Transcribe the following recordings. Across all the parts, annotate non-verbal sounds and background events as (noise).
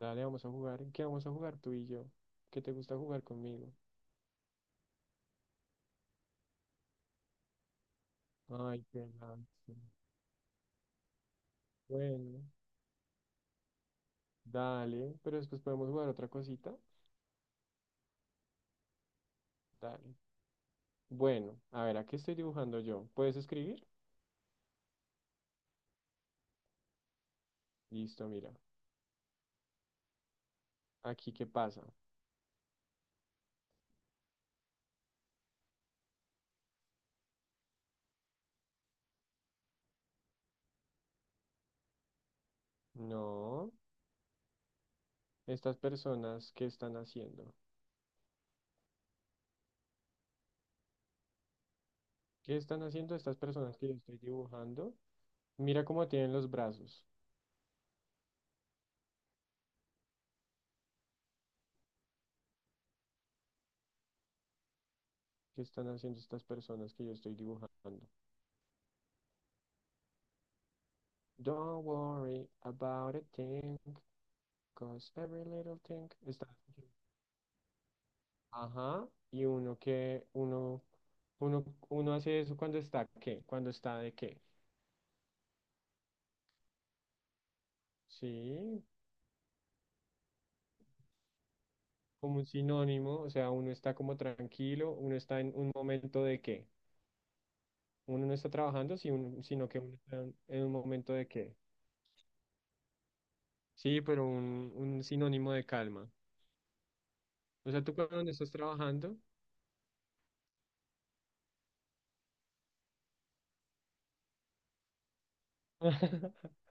Dale, vamos a jugar. ¿En qué vamos a jugar tú y yo? ¿Qué te gusta jugar conmigo? Ay, qué lástima. Bueno, dale, pero después podemos jugar otra cosita. Dale. Bueno, a ver, ¿a qué estoy dibujando yo? ¿Puedes escribir? Listo, mira. Aquí, ¿qué pasa? No, estas personas, ¿qué están haciendo? ¿Qué están haciendo estas personas que yo estoy dibujando? Mira cómo tienen los brazos. ¿Qué están haciendo estas personas que yo estoy dibujando? Don't worry about a thing. Cause every little thing está. Ajá. Y uno que, uno, uno, uno hace eso cuando está qué, cuando está de qué. Sí, como un sinónimo, o sea, uno está como tranquilo, uno está en un momento de qué. Uno no está trabajando, si uno- sino que uno está en un momento de qué. Sí, pero un sinónimo de calma. O sea, tú cuando no estás trabajando. (laughs)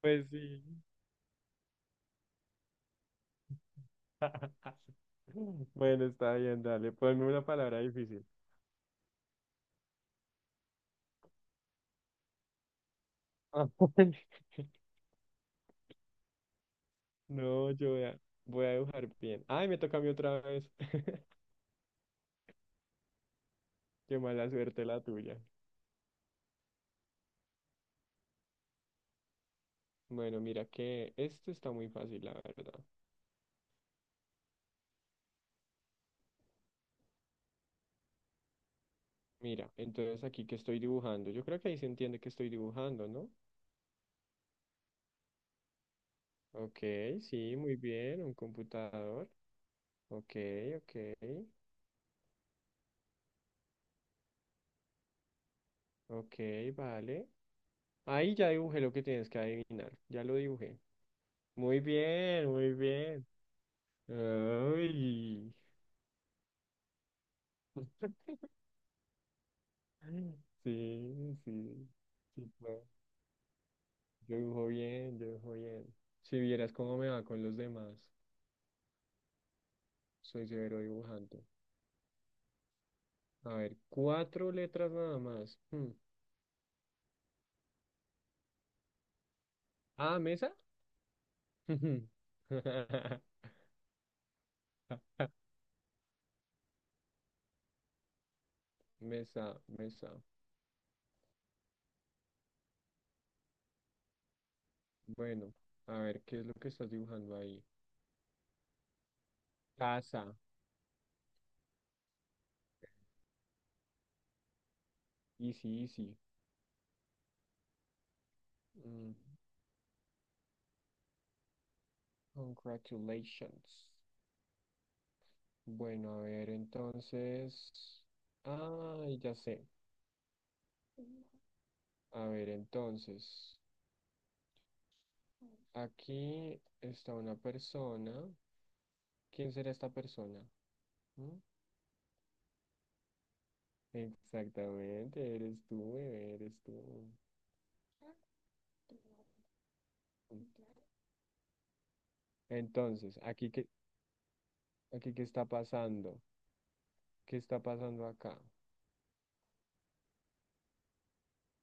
Pues sí. (laughs) Bueno, está bien, dale. Ponme una palabra difícil. (laughs) No, voy a dibujar bien. Ay, me toca a mí otra vez. (laughs) Qué mala suerte la tuya. Bueno, mira que esto está muy fácil, la verdad. Mira, entonces aquí que estoy dibujando. Yo creo que ahí se entiende que estoy dibujando, ¿no? Ok, sí, muy bien. Un computador. Ok, ok, ok, vale. Ahí ya dibujé lo que tienes que adivinar. Ya lo dibujé. Muy bien, muy bien. Ay. (laughs) Sí, sí. Sí, claro. Yo dibujo bien, yo dibujo bien. Si vieras cómo me va con los demás, soy severo dibujante. A ver, cuatro letras nada más. Hmm. Ah, mesa. (laughs) Mesa, mesa. Bueno, a ver, ¿qué es lo que estás dibujando ahí? Casa. Easy, easy. Mm, Congratulations. Bueno, a ver, entonces. Ah, ya sé. A ver, entonces. Aquí está una persona. ¿Quién será esta persona? ¿Mm? Exactamente, eres tú, bebé, eres tú. Entonces, aquí qué está pasando acá,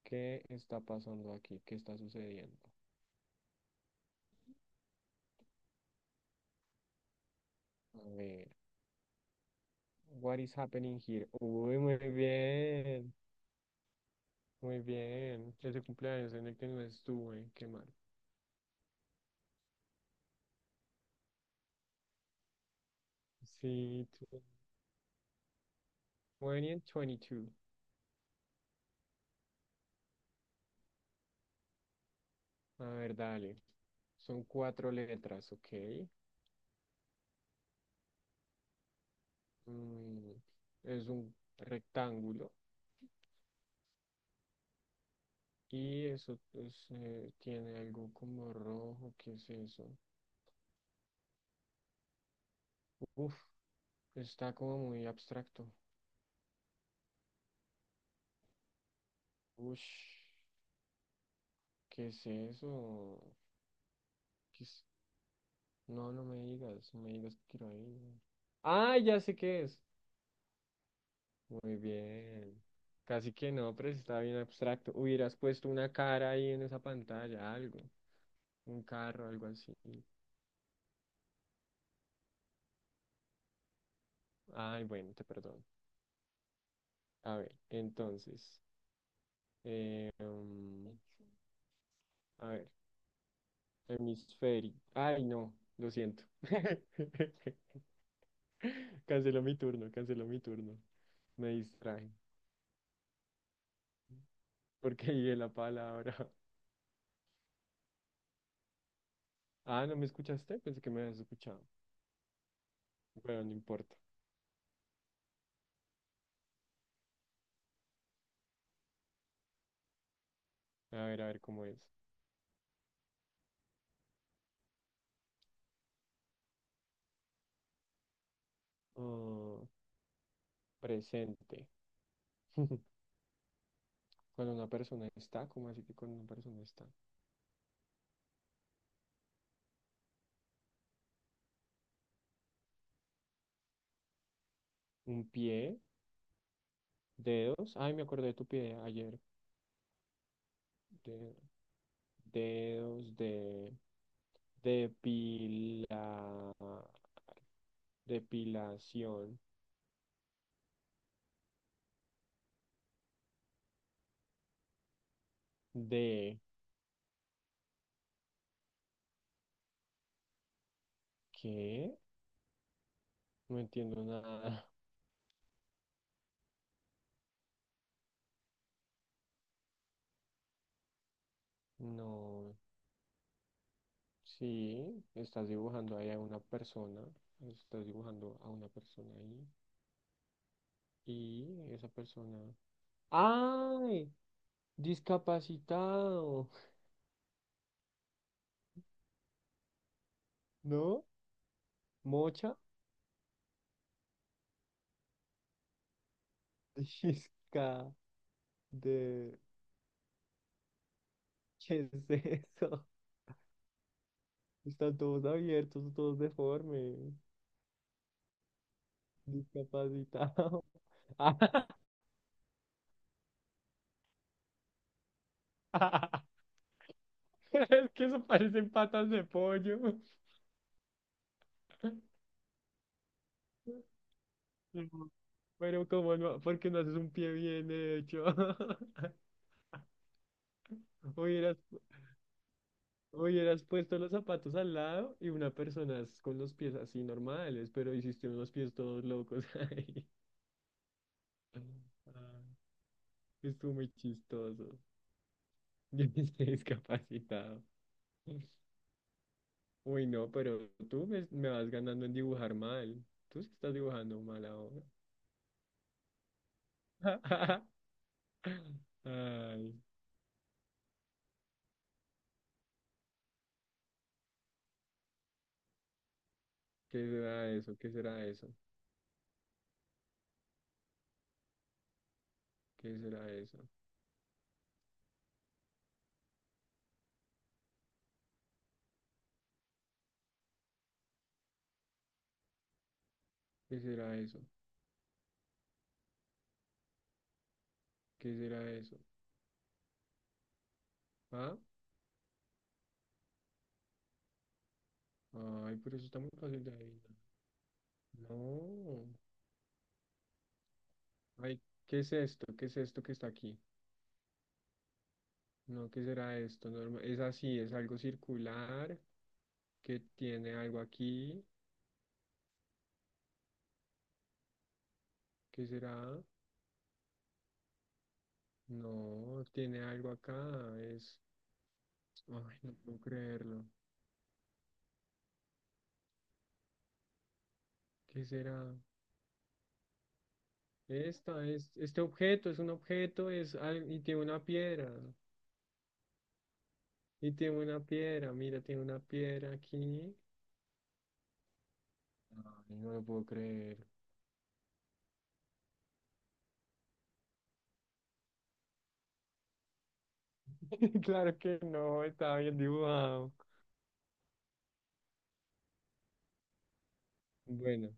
qué está pasando aquí, qué está sucediendo. A ver, what is happening here? Uy, muy bien, muy bien. Ese cumpleaños en el que no estuve, qué mal. Sí, 20 and 22. A ver, dale. Son cuatro letras, ¿ok? mm, es un rectángulo y eso pues, tiene algo como rojo, ¿qué es eso? Uf, está como muy abstracto. Ush, ¿qué es eso? ¿Qué es? No, no me digas, no me digas que quiero ir. Ah, ya sé qué es. Muy bien. Casi que no, pero sí está bien abstracto. Hubieras puesto una cara ahí en esa pantalla, algo. Un carro, algo así. Ay, bueno, te perdono. A ver, entonces. Eh, um, a ver, hemisferio. Ay, no, lo siento. (laughs) Canceló mi turno, canceló mi turno. Me distraje porque dije la palabra. (laughs) Ah, ¿no me escuchaste? Pensé que me habías escuchado. Bueno, no importa. A ver cómo es. oh Presente. (laughs) Cuando una persona está, ¿cómo así que cuando una persona está? Un pie, dedos. Ay, me acordé de tu pie ayer. De, dedos de Depila, depilación de ¿qué? No entiendo nada. No, sí, estás dibujando ahí a una persona. Estás dibujando a una persona ahí. Y esa persona. ¡Ay! Discapacitado. ¿No? ¿Mocha? (laughs) Disca de. ¿Qué es eso? Están todos abiertos, todos deformes. Discapacitado. (laughs) Ah, (laughs) es que eso parecen patas de pollo. No, pero como no, porque no haces un pie bien hecho. (laughs) Hubieras, hubieras puesto los zapatos al lado y una persona es con los pies así normales, pero hiciste unos pies todos locos (laughs) ahí. Ah, estuvo muy chistoso. Yo (laughs) estoy discapacitado. Uy, no, pero me vas ganando en dibujar mal. Tú sí estás dibujando mal ahora. (laughs) Ay, ¿qué será eso? ¿Qué será eso? ¿Qué será eso? ¿Qué será eso? ¿Qué será eso? ¿Ah? Ay, pero eso está muy fácil de adivinar. No. Ay, ¿qué es esto? ¿Qué es esto que está aquí? No, ¿qué será esto? Norma- es así, es algo circular que tiene algo aquí. ¿Qué será? No, tiene algo acá. Es. Ay, no puedo creerlo. ¿Qué será? Esta es, este objeto es un objeto, y tiene una piedra. Y tiene una piedra, mira, tiene una piedra aquí. Ay, no lo puedo creer. (laughs) Claro que no, estaba bien dibujado. Bueno.